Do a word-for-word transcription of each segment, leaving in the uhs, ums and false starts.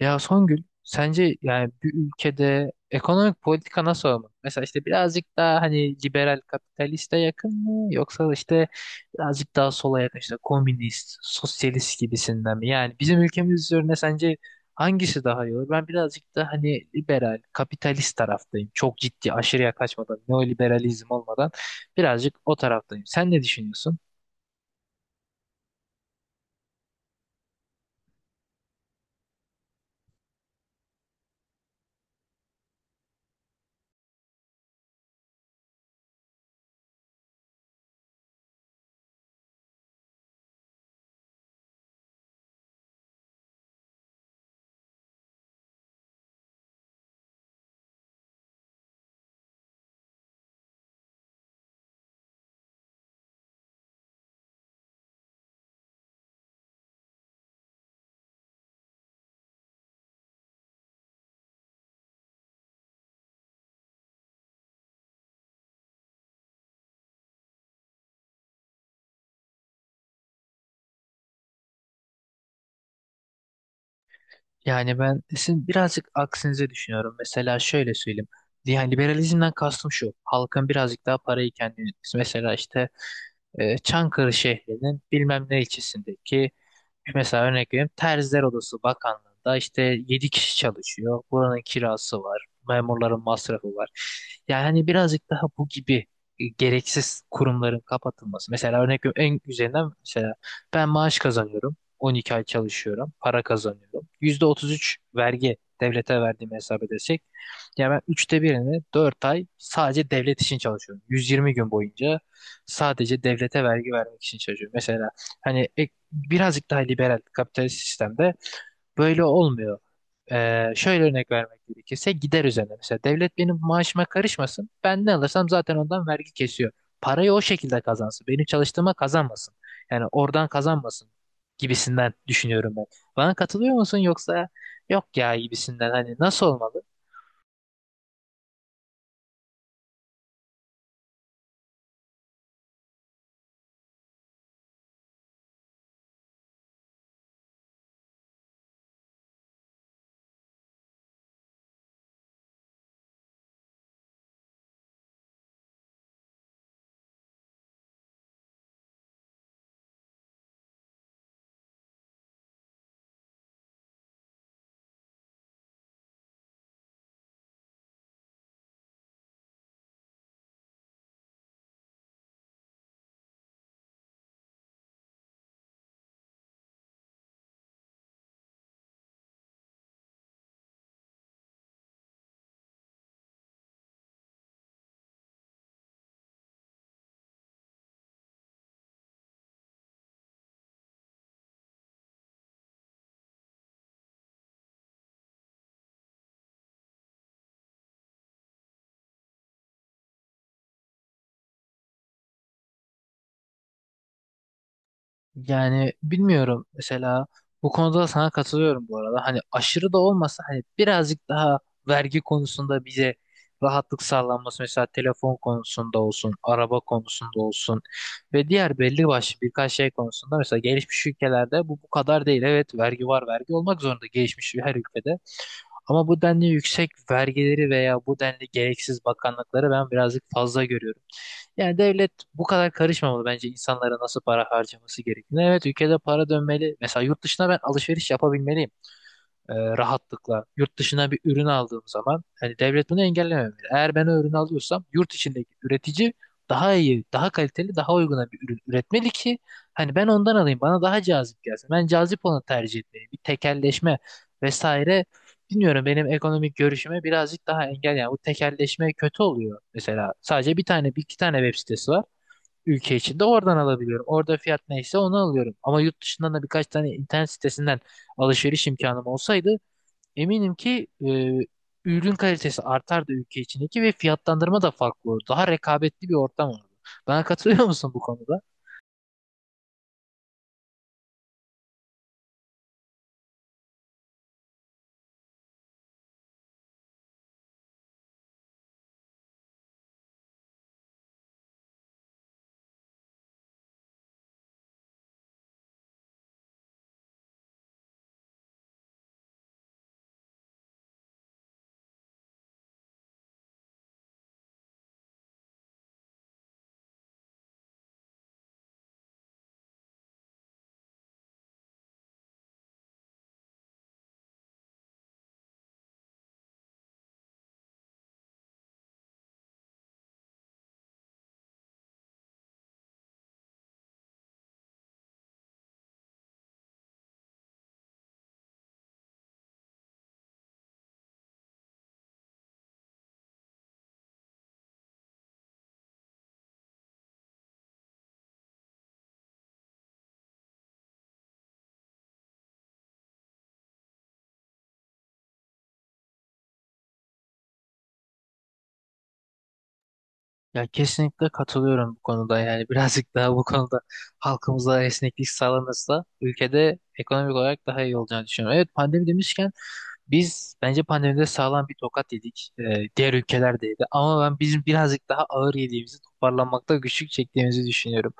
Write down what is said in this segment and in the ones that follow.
Ya Songül, sence yani bir ülkede ekonomik politika nasıl olmalı? Mesela işte birazcık daha hani liberal kapitaliste yakın mı yoksa işte birazcık daha sola yakın işte komünist, sosyalist gibisinden mi? Yani bizim ülkemiz üzerine sence hangisi daha iyi olur? Ben birazcık da hani liberal, kapitalist taraftayım. Çok ciddi, aşırıya kaçmadan, neoliberalizm olmadan birazcık o taraftayım. Sen ne düşünüyorsun? Yani ben sizin birazcık aksinize düşünüyorum. Mesela şöyle söyleyeyim. Yani liberalizmden kastım şu. Halkın birazcık daha parayı kendine. Mesela işte e, Çankırı şehrinin bilmem ne ilçesindeki mesela örnek vereyim Terziler Odası Bakanlığı'nda işte yedi kişi çalışıyor. Buranın kirası var. Memurların masrafı var. Yani hani birazcık daha bu gibi e, gereksiz kurumların kapatılması. Mesela örnek veriyorum en güzelinden, mesela ben maaş kazanıyorum. on iki ay çalışıyorum. Para kazanıyorum. Yüzde otuz üç vergi devlete verdiğimi hesap edersek. Yani ben üçte birini, dört ay, sadece devlet için çalışıyorum. yüz yirmi gün boyunca sadece devlete vergi vermek için çalışıyorum. Mesela hani ek- birazcık daha liberal kapitalist sistemde böyle olmuyor. Ee, şöyle örnek vermek gerekirse gider üzerine. Mesela devlet benim maaşıma karışmasın. Ben ne alırsam zaten ondan vergi kesiyor. Parayı o şekilde kazansın. Benim çalıştığıma kazanmasın. Yani oradan kazanmasın gibisinden düşünüyorum ben. Bana katılıyor musun, yoksa yok ya gibisinden, hani nasıl olmalı? Yani bilmiyorum, mesela bu konuda da sana katılıyorum bu arada. Hani aşırı da olmasa, hani birazcık daha vergi konusunda bize rahatlık sağlanması, mesela telefon konusunda olsun, araba konusunda olsun ve diğer belli başlı birkaç şey konusunda. Mesela gelişmiş ülkelerde bu bu kadar değil. Evet, vergi var, vergi olmak zorunda gelişmiş her ülkede. Ama bu denli yüksek vergileri veya bu denli gereksiz bakanlıkları ben birazcık fazla görüyorum. Yani devlet bu kadar karışmamalı bence insanlara nasıl para harcaması gerektiğine. Evet, ülkede para dönmeli. Mesela yurt dışına ben alışveriş yapabilmeliyim e, rahatlıkla. Yurt dışından bir ürün aldığım zaman hani devlet bunu engellememeli. Eğer ben o ürünü alıyorsam, yurt içindeki üretici daha iyi, daha kaliteli, daha uyguna bir ürün üretmeli ki hani ben ondan alayım, bana daha cazip gelsin. Ben cazip olanı tercih etmeliyim. Bir tekelleşme vesaire. Bilmiyorum, benim ekonomik görüşüme birazcık daha engel yani, bu tekelleşme kötü oluyor. Mesela sadece bir tane bir iki tane web sitesi var ülke içinde, oradan alabiliyorum. Orada fiyat neyse onu alıyorum. Ama yurt dışından da birkaç tane internet sitesinden alışveriş imkanım olsaydı, eminim ki e, ürün kalitesi artardı ülke içindeki ve fiyatlandırma da farklı olur. Daha rekabetli bir ortam olurdu. Bana katılıyor musun bu konuda? Ya, kesinlikle katılıyorum bu konuda yani birazcık daha bu konuda halkımıza esneklik sağlanırsa ülkede ekonomik olarak daha iyi olacağını düşünüyorum. Evet, pandemi demişken, biz bence pandemide sağlam bir tokat yedik. Ee, diğer ülkeler de yedi. Ama ben bizim birazcık daha ağır yediğimizi, toparlanmakta güçlük çektiğimizi düşünüyorum.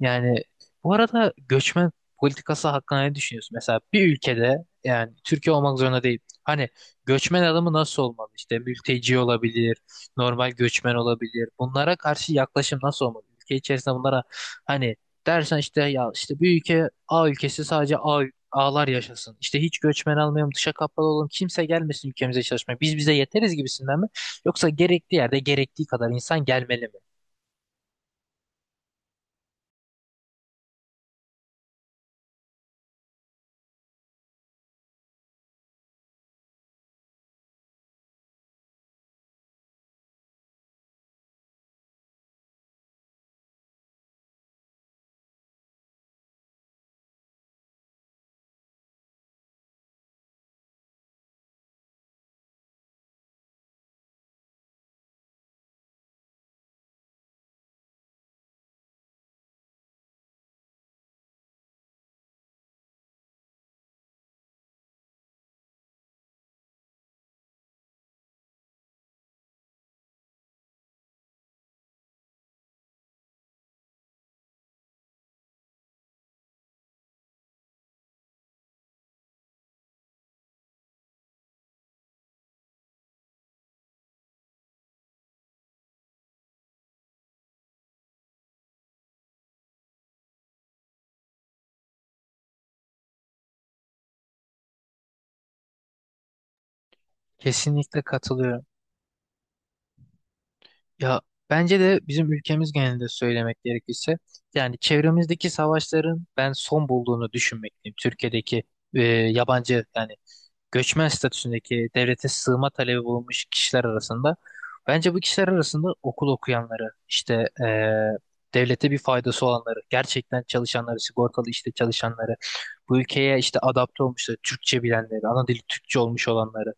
Yani, bu arada, göçmen politikası hakkında ne düşünüyorsun? Mesela bir ülkede, yani Türkiye olmak zorunda değil. Hani göçmen adamı nasıl olmalı? İşte mülteci olabilir, normal göçmen olabilir. Bunlara karşı yaklaşım nasıl olmalı? Ülke içerisinde bunlara hani dersen işte ya, işte bir ülke, A ülkesi, sadece A ağlar yaşasın. İşte hiç göçmen almayalım, dışa kapalı olalım, kimse gelmesin ülkemize çalışmaya. Biz bize yeteriz gibisinden mi? Yoksa gerektiği yerde gerektiği kadar insan gelmeli mi? Kesinlikle katılıyorum. Ya, bence de bizim ülkemiz genelinde söylemek gerekirse, yani çevremizdeki savaşların ben son bulduğunu düşünmekteyim. Türkiye'deki e, yabancı, yani göçmen statüsündeki, devlete sığınma talebi bulunmuş kişiler arasında, bence bu kişiler arasında okul okuyanları, işte eee, devlete bir faydası olanları, gerçekten çalışanları, sigortalı işte çalışanları, bu ülkeye işte adapte olmuşları, Türkçe bilenleri, ana dili Türkçe olmuş olanları,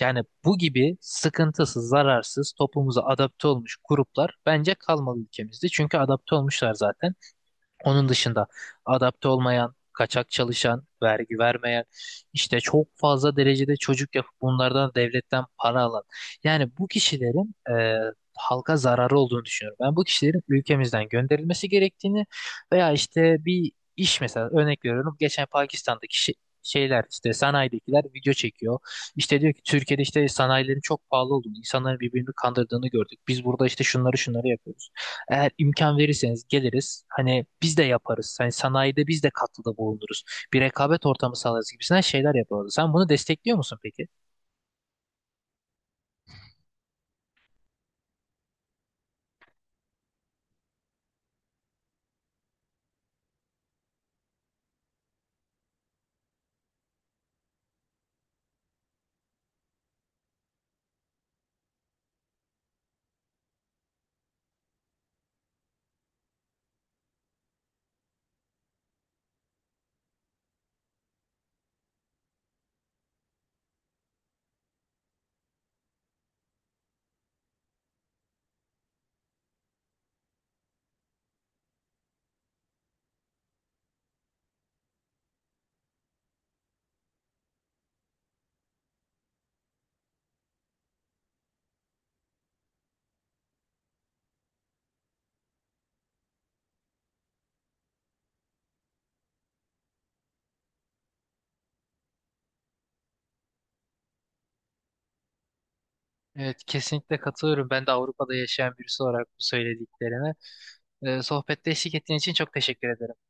yani bu gibi sıkıntısız, zararsız, toplumuza adapte olmuş gruplar bence kalmalı ülkemizde, çünkü adapte olmuşlar zaten. Onun dışında adapte olmayan, kaçak çalışan, vergi vermeyen, işte çok fazla derecede çocuk yapıp bunlardan devletten para alan, yani bu kişilerin e, halka zararı olduğunu düşünüyorum. Ben bu kişilerin ülkemizden gönderilmesi gerektiğini, veya işte bir iş, mesela örnek veriyorum, geçen Pakistan'daki şi- şeyler, işte sanayidekiler video çekiyor. İşte diyor ki Türkiye'de işte sanayilerin çok pahalı olduğunu, insanların birbirini kandırdığını gördük. Biz burada işte şunları şunları yapıyoruz. Eğer imkan verirseniz geliriz. Hani biz de yaparız. Hani sanayide biz de katkıda bulunuruz. Bir rekabet ortamı sağlarız gibisinden şeyler yaparız. Sen bunu destekliyor musun peki? Evet, kesinlikle katılıyorum. Ben de Avrupa'da yaşayan birisi olarak bu söylediklerine. Ee, sohbette eşlik ettiğin için çok teşekkür ederim.